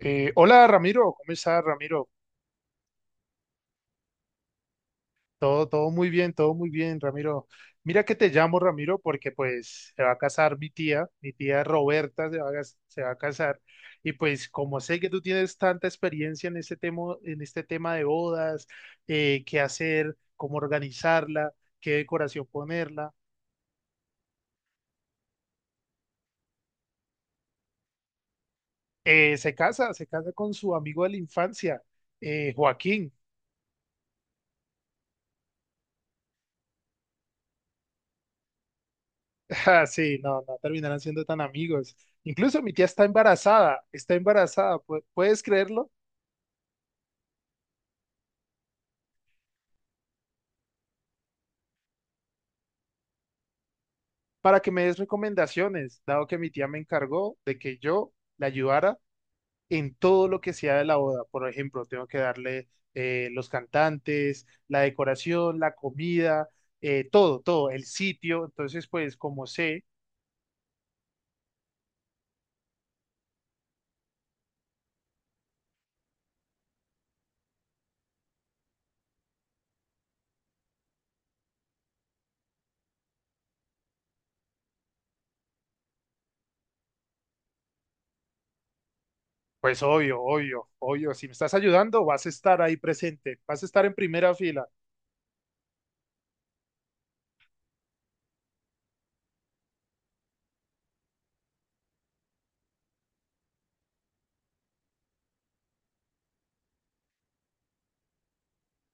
Hola Ramiro, ¿cómo estás Ramiro? Todo muy bien, todo muy bien Ramiro. Mira que te llamo Ramiro porque pues se va a casar mi tía Roberta se va a, se va a casar, y pues como sé que tú tienes tanta experiencia en este tema de bodas, qué hacer, cómo organizarla, qué decoración ponerla. Se casa con su amigo de la infancia, Joaquín. Ah, sí, no, no terminarán siendo tan amigos. Incluso mi tía está embarazada, ¿puedes creerlo? Para que me des recomendaciones, dado que mi tía me encargó de que yo la ayudara en todo lo que sea de la boda. Por ejemplo, tengo que darle los cantantes, la decoración, la comida, todo, el sitio. Entonces, pues, como sé, pues obvio, obvio, obvio, si me estás ayudando, vas a estar ahí presente, vas a estar en primera fila.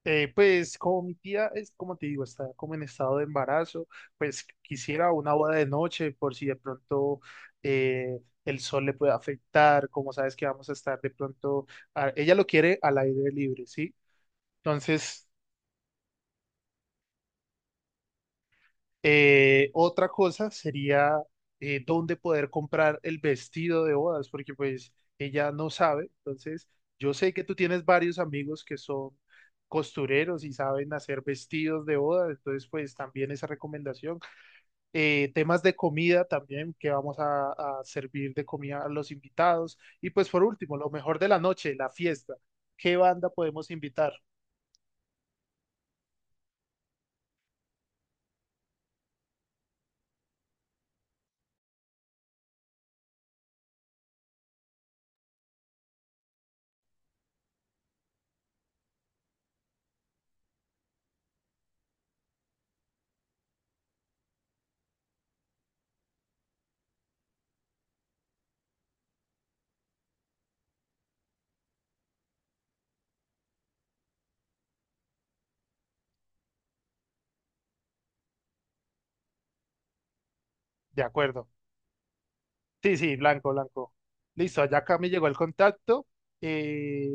Pues como mi tía es, como te digo, está como en estado de embarazo, pues quisiera una boda de noche por si de pronto eh, el sol le puede afectar, como sabes que vamos a estar de pronto, ella lo quiere al aire libre, ¿sí? Entonces otra cosa sería dónde poder comprar el vestido de bodas, porque pues ella no sabe. Entonces, yo sé que tú tienes varios amigos que son costureros y saben hacer vestidos de bodas, entonces pues también esa recomendación. Temas de comida también, que vamos a servir de comida a los invitados. Y pues por último, lo mejor de la noche, la fiesta. ¿Qué banda podemos invitar? De acuerdo. Sí, sí, blanco, blanco. Listo, allá acá me llegó el contacto. eh,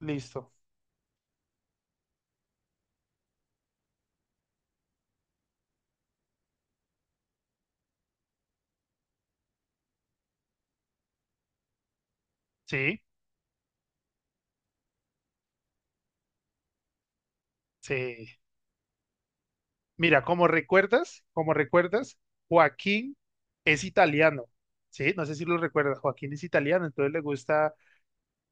Listo. Sí, sí. Mira, como recuerdas, Joaquín es italiano. Sí, no sé si lo recuerdas. Joaquín es italiano, entonces le gusta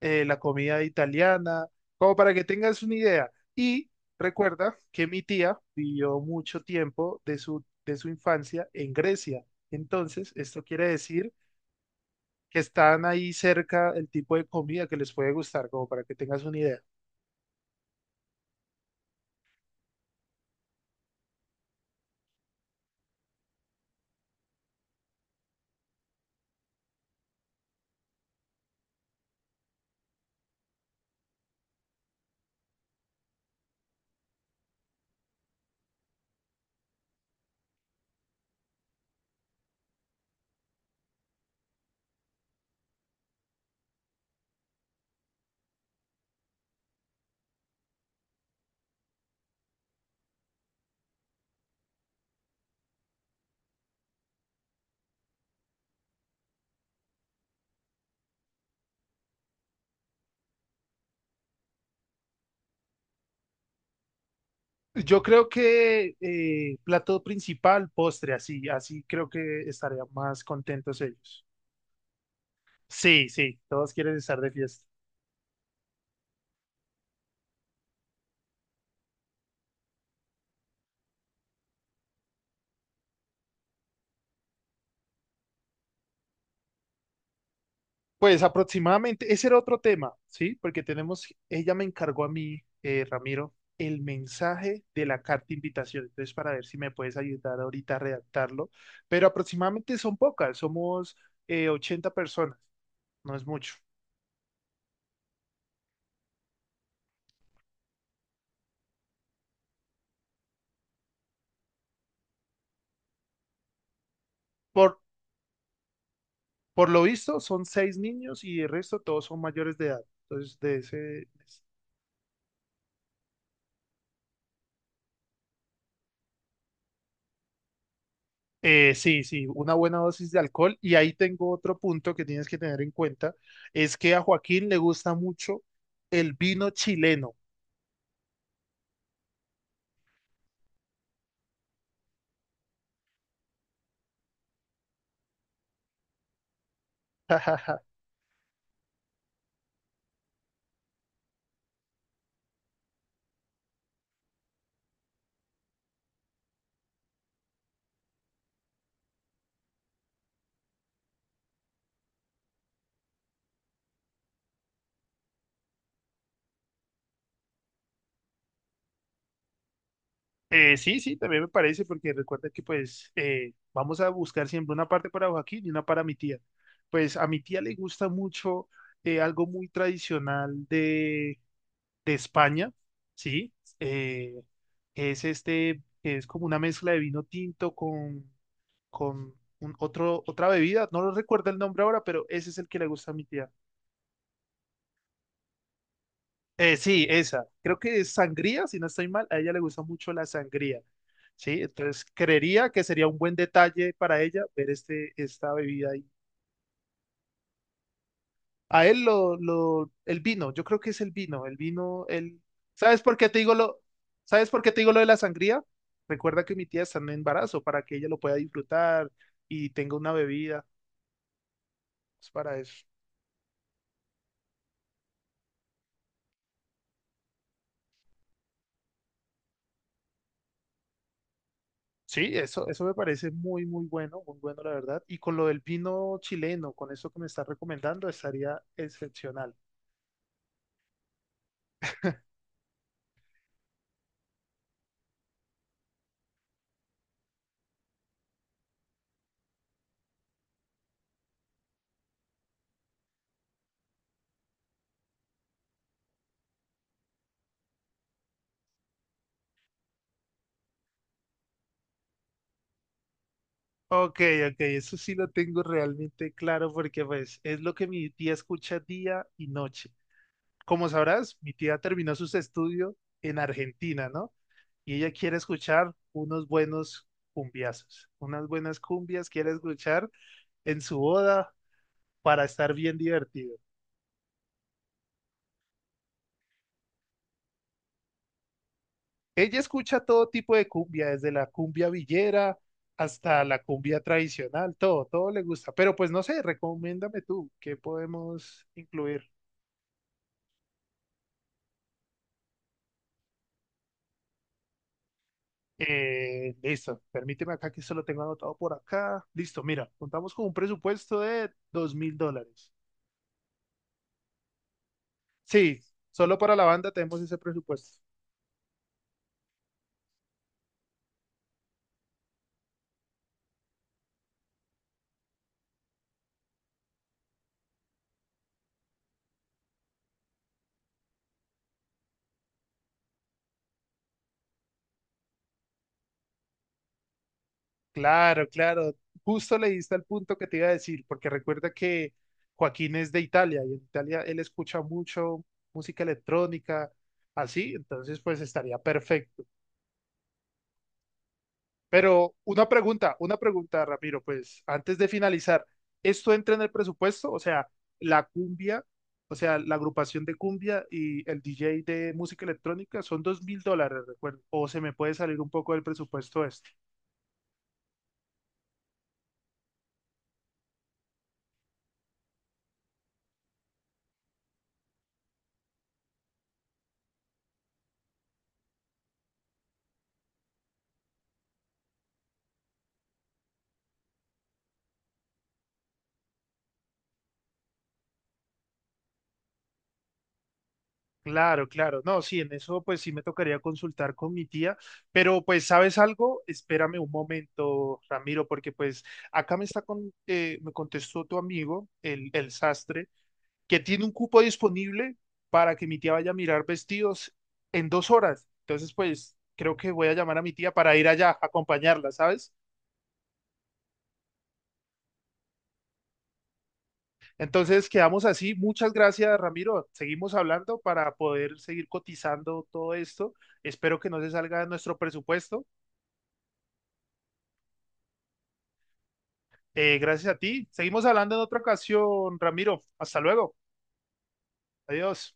la comida italiana, como para que tengas una idea. Y recuerda que mi tía vivió mucho tiempo de su infancia en Grecia. Entonces, esto quiere decir que están ahí cerca, el tipo de comida que les puede gustar, como para que tengas una idea. Yo creo que plato principal, postre, así, así creo que estarían más contentos ellos. Sí, sí, todos quieren estar de fiesta. Pues aproximadamente, ese era otro tema, ¿sí? Porque tenemos, ella me encargó a mí, Ramiro, el mensaje de la carta de invitación. Entonces, para ver si me puedes ayudar ahorita a redactarlo. Pero aproximadamente son pocas, somos 80 personas, no es mucho. Por, Por lo visto, son 6 niños y el resto todos son mayores de edad. Entonces, de ese... sí, sí, una buena dosis de alcohol. Y ahí tengo otro punto que tienes que tener en cuenta, es que a Joaquín le gusta mucho el vino chileno. Sí, sí, también me parece, porque recuerda que pues vamos a buscar siempre una parte para Joaquín y una para mi tía. Pues a mi tía le gusta mucho algo muy tradicional de España, ¿sí? Eh, es este, que es como una mezcla de vino tinto con un otro, otra bebida, no lo recuerdo el nombre ahora, pero ese es el que le gusta a mi tía. Sí, esa, creo que es sangría, si no estoy mal, a ella le gusta mucho la sangría, ¿sí? Entonces, creería que sería un buen detalle para ella ver este, esta bebida ahí. A él, el vino, yo creo que es el vino, el... ¿Sabes por qué te digo lo, ¿sabes por qué te digo lo de la sangría? Recuerda que mi tía está en embarazo para que ella lo pueda disfrutar y tenga una bebida, es para eso. Sí, eso me parece muy, muy bueno, muy bueno, la verdad. Y con lo del vino chileno, con eso que me estás recomendando, estaría excepcional. Ok, ok, eso sí lo tengo realmente claro porque pues es lo que mi tía escucha día y noche. Como sabrás, mi tía terminó sus estudios en Argentina, ¿no? Y ella quiere escuchar unos buenos cumbiazos, unas buenas cumbias quiere escuchar en su boda para estar bien divertido. Ella escucha todo tipo de cumbia, desde la cumbia villera hasta la cumbia tradicional, todo, todo le gusta. Pero pues no sé, recomiéndame tú, ¿qué podemos incluir? Listo, permíteme acá que solo tengo anotado por acá. Listo, mira, contamos con un presupuesto de 2000 dólares. Sí, solo para la banda tenemos ese presupuesto. Claro, claro. Justo le diste al punto que te iba a decir, porque recuerda que Joaquín es de Italia y en Italia él escucha mucho música electrónica, así, entonces pues estaría perfecto. Pero una pregunta, Ramiro, pues antes de finalizar, ¿esto entra en el presupuesto? O sea, la cumbia, o sea, la agrupación de cumbia y el DJ de música electrónica son 2000 dólares, recuerdo. ¿O se me puede salir un poco del presupuesto esto? Claro, claro. No, sí, en eso pues sí me tocaría consultar con mi tía, pero pues ¿sabes algo? Espérame un momento, Ramiro, porque pues acá me está con, me contestó tu amigo, el sastre, que tiene un cupo disponible para que mi tía vaya a mirar vestidos en 2 horas. Entonces pues creo que voy a llamar a mi tía para ir allá a acompañarla, ¿sabes? Entonces quedamos así. Muchas gracias, Ramiro. Seguimos hablando para poder seguir cotizando todo esto. Espero que no se salga de nuestro presupuesto. Gracias a ti. Seguimos hablando en otra ocasión, Ramiro. Hasta luego. Adiós.